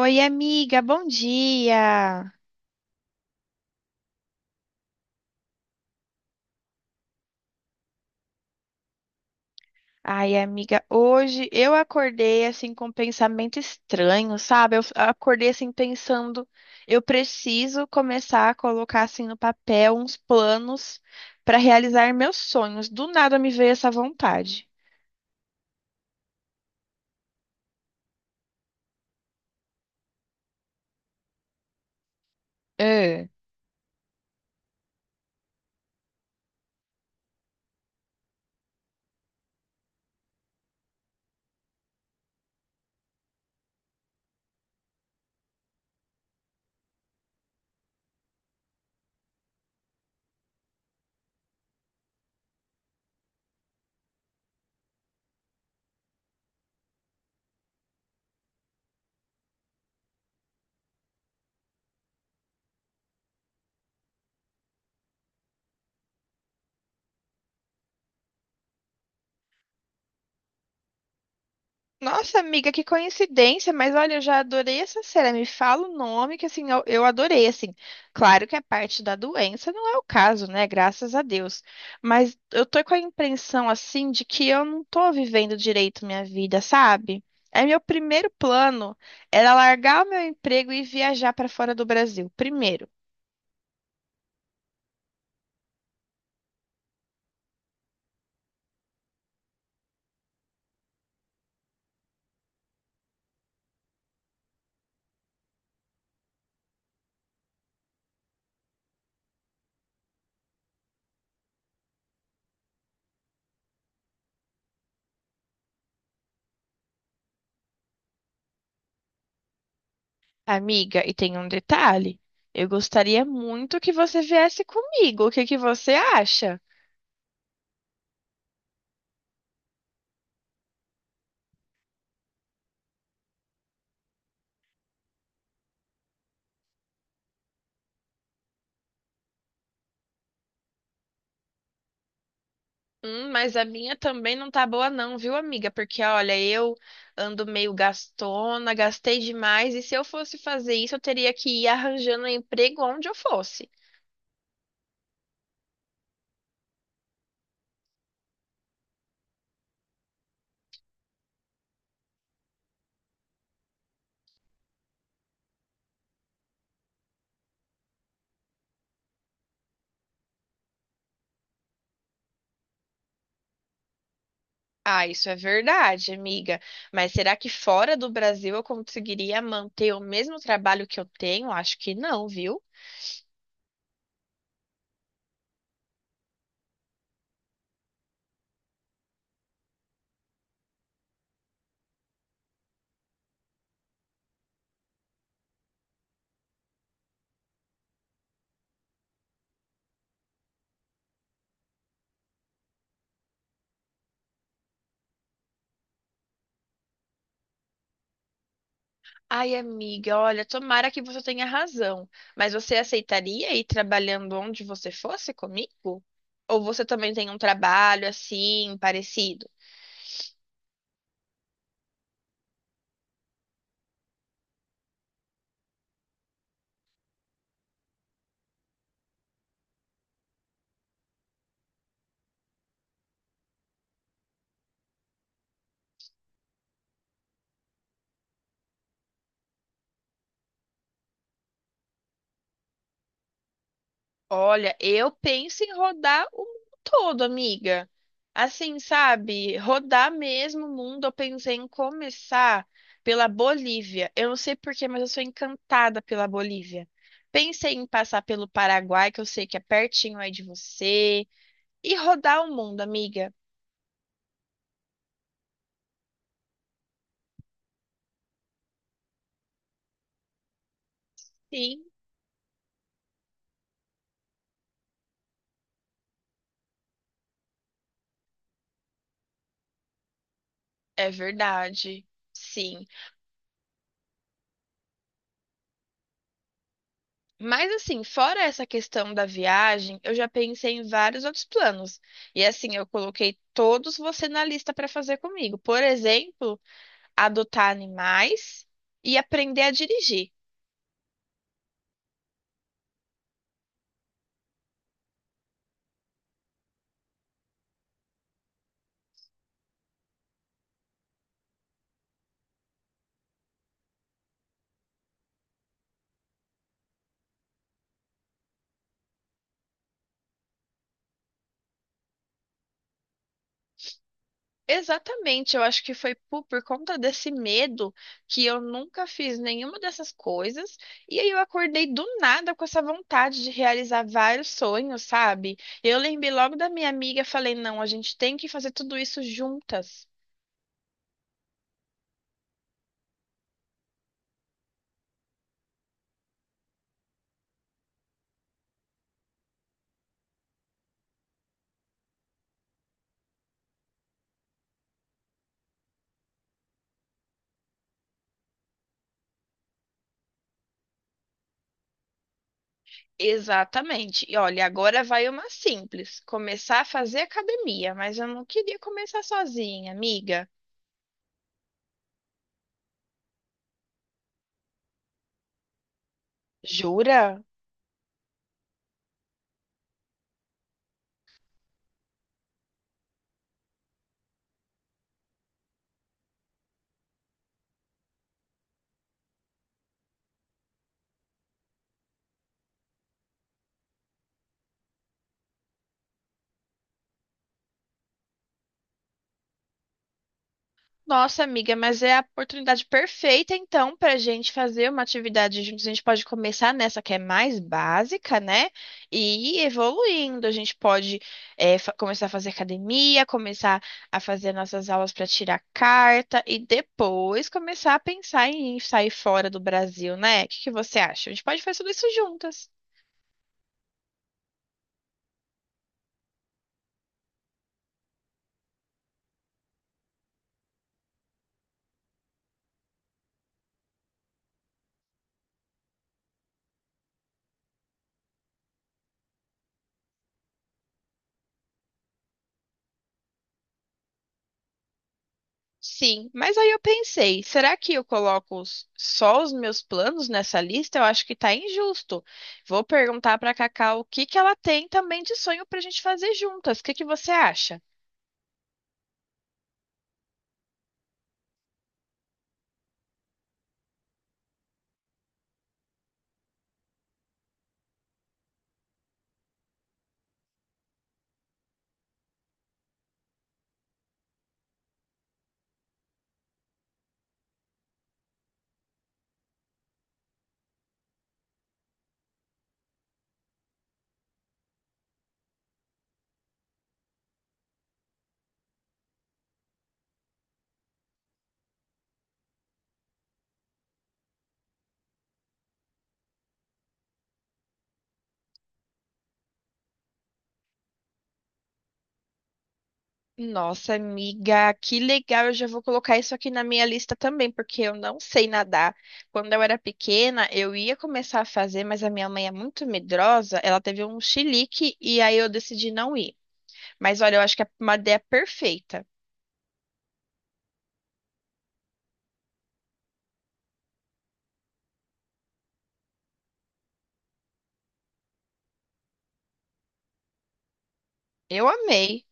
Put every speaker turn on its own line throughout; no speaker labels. Oi, amiga, bom dia. Ai, amiga, hoje eu acordei assim com um pensamento estranho, sabe? Acordei assim pensando, eu preciso começar a colocar assim no papel uns planos para realizar meus sonhos. Do nada me veio essa vontade. Nossa, amiga, que coincidência, mas olha, eu já adorei essa cena. Me fala o nome que assim, eu adorei, assim. Claro que a parte da doença não é o caso, né? Graças a Deus. Mas eu tô com a impressão assim de que eu não tô vivendo direito minha vida, sabe? É meu primeiro plano era largar o meu emprego e viajar para fora do Brasil. Primeiro, amiga, e tem um detalhe. Eu gostaria muito que você viesse comigo. O que que você acha? Mas a minha também não tá boa não, viu, amiga? Porque olha, eu ando meio gastona, gastei demais, e se eu fosse fazer isso, eu teria que ir arranjando um emprego onde eu fosse. Ah, isso é verdade, amiga. Mas será que fora do Brasil eu conseguiria manter o mesmo trabalho que eu tenho? Acho que não, viu? Ai, amiga, olha, tomara que você tenha razão. Mas você aceitaria ir trabalhando onde você fosse comigo? Ou você também tem um trabalho assim, parecido? Olha, eu penso em rodar o mundo todo, amiga. Assim, sabe? Rodar mesmo o mundo. Eu pensei em começar pela Bolívia. Eu não sei porquê, mas eu sou encantada pela Bolívia. Pensei em passar pelo Paraguai, que eu sei que é pertinho aí de você, e rodar o mundo, amiga. Sim, é verdade. Sim. Mas assim, fora essa questão da viagem, eu já pensei em vários outros planos. E assim, eu coloquei todos você na lista para fazer comigo. Por exemplo, adotar animais e aprender a dirigir. Exatamente, eu acho que foi por conta desse medo que eu nunca fiz nenhuma dessas coisas. E aí eu acordei do nada com essa vontade de realizar vários sonhos, sabe? Eu lembrei logo da minha amiga, falei, não, a gente tem que fazer tudo isso juntas. Exatamente. E olha, agora vai uma simples. Começar a fazer academia, mas eu não queria começar sozinha, amiga. Jura? Nossa, amiga, mas é a oportunidade perfeita, então, para a gente fazer uma atividade juntos. A gente pode começar nessa que é mais básica, né? E ir evoluindo. A gente pode começar a fazer academia, começar a fazer nossas aulas para tirar carta e depois começar a pensar em sair fora do Brasil, né? O que que você acha? A gente pode fazer tudo isso juntas. Sim, mas aí eu pensei, será que eu coloco só os meus planos nessa lista? Eu acho que tá injusto. Vou perguntar pra Cacau o que que ela tem também de sonho pra gente fazer juntas. O que que você acha? Nossa, amiga, que legal! Eu já vou colocar isso aqui na minha lista também, porque eu não sei nadar. Quando eu era pequena, eu ia começar a fazer, mas a minha mãe é muito medrosa, ela teve um chilique e aí eu decidi não ir. Mas olha, eu acho que é uma ideia perfeita. Eu amei.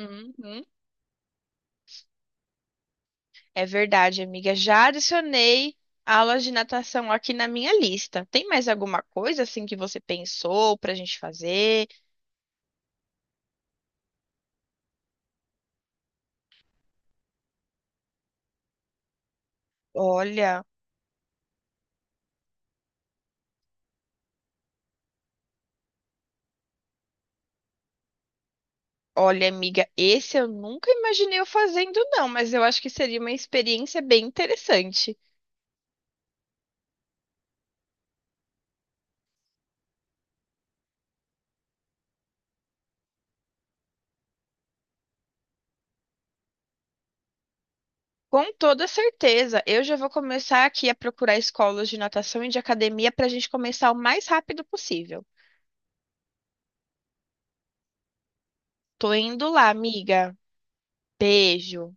Uhum. É verdade, amiga. Já adicionei aulas de natação aqui na minha lista. Tem mais alguma coisa assim que você pensou pra gente fazer? Olha, Olha, amiga, esse eu nunca imaginei eu fazendo, não, mas eu acho que seria uma experiência bem interessante. Com toda certeza, eu já vou começar aqui a procurar escolas de natação e de academia pra gente começar o mais rápido possível. Tô indo lá, amiga. Beijo.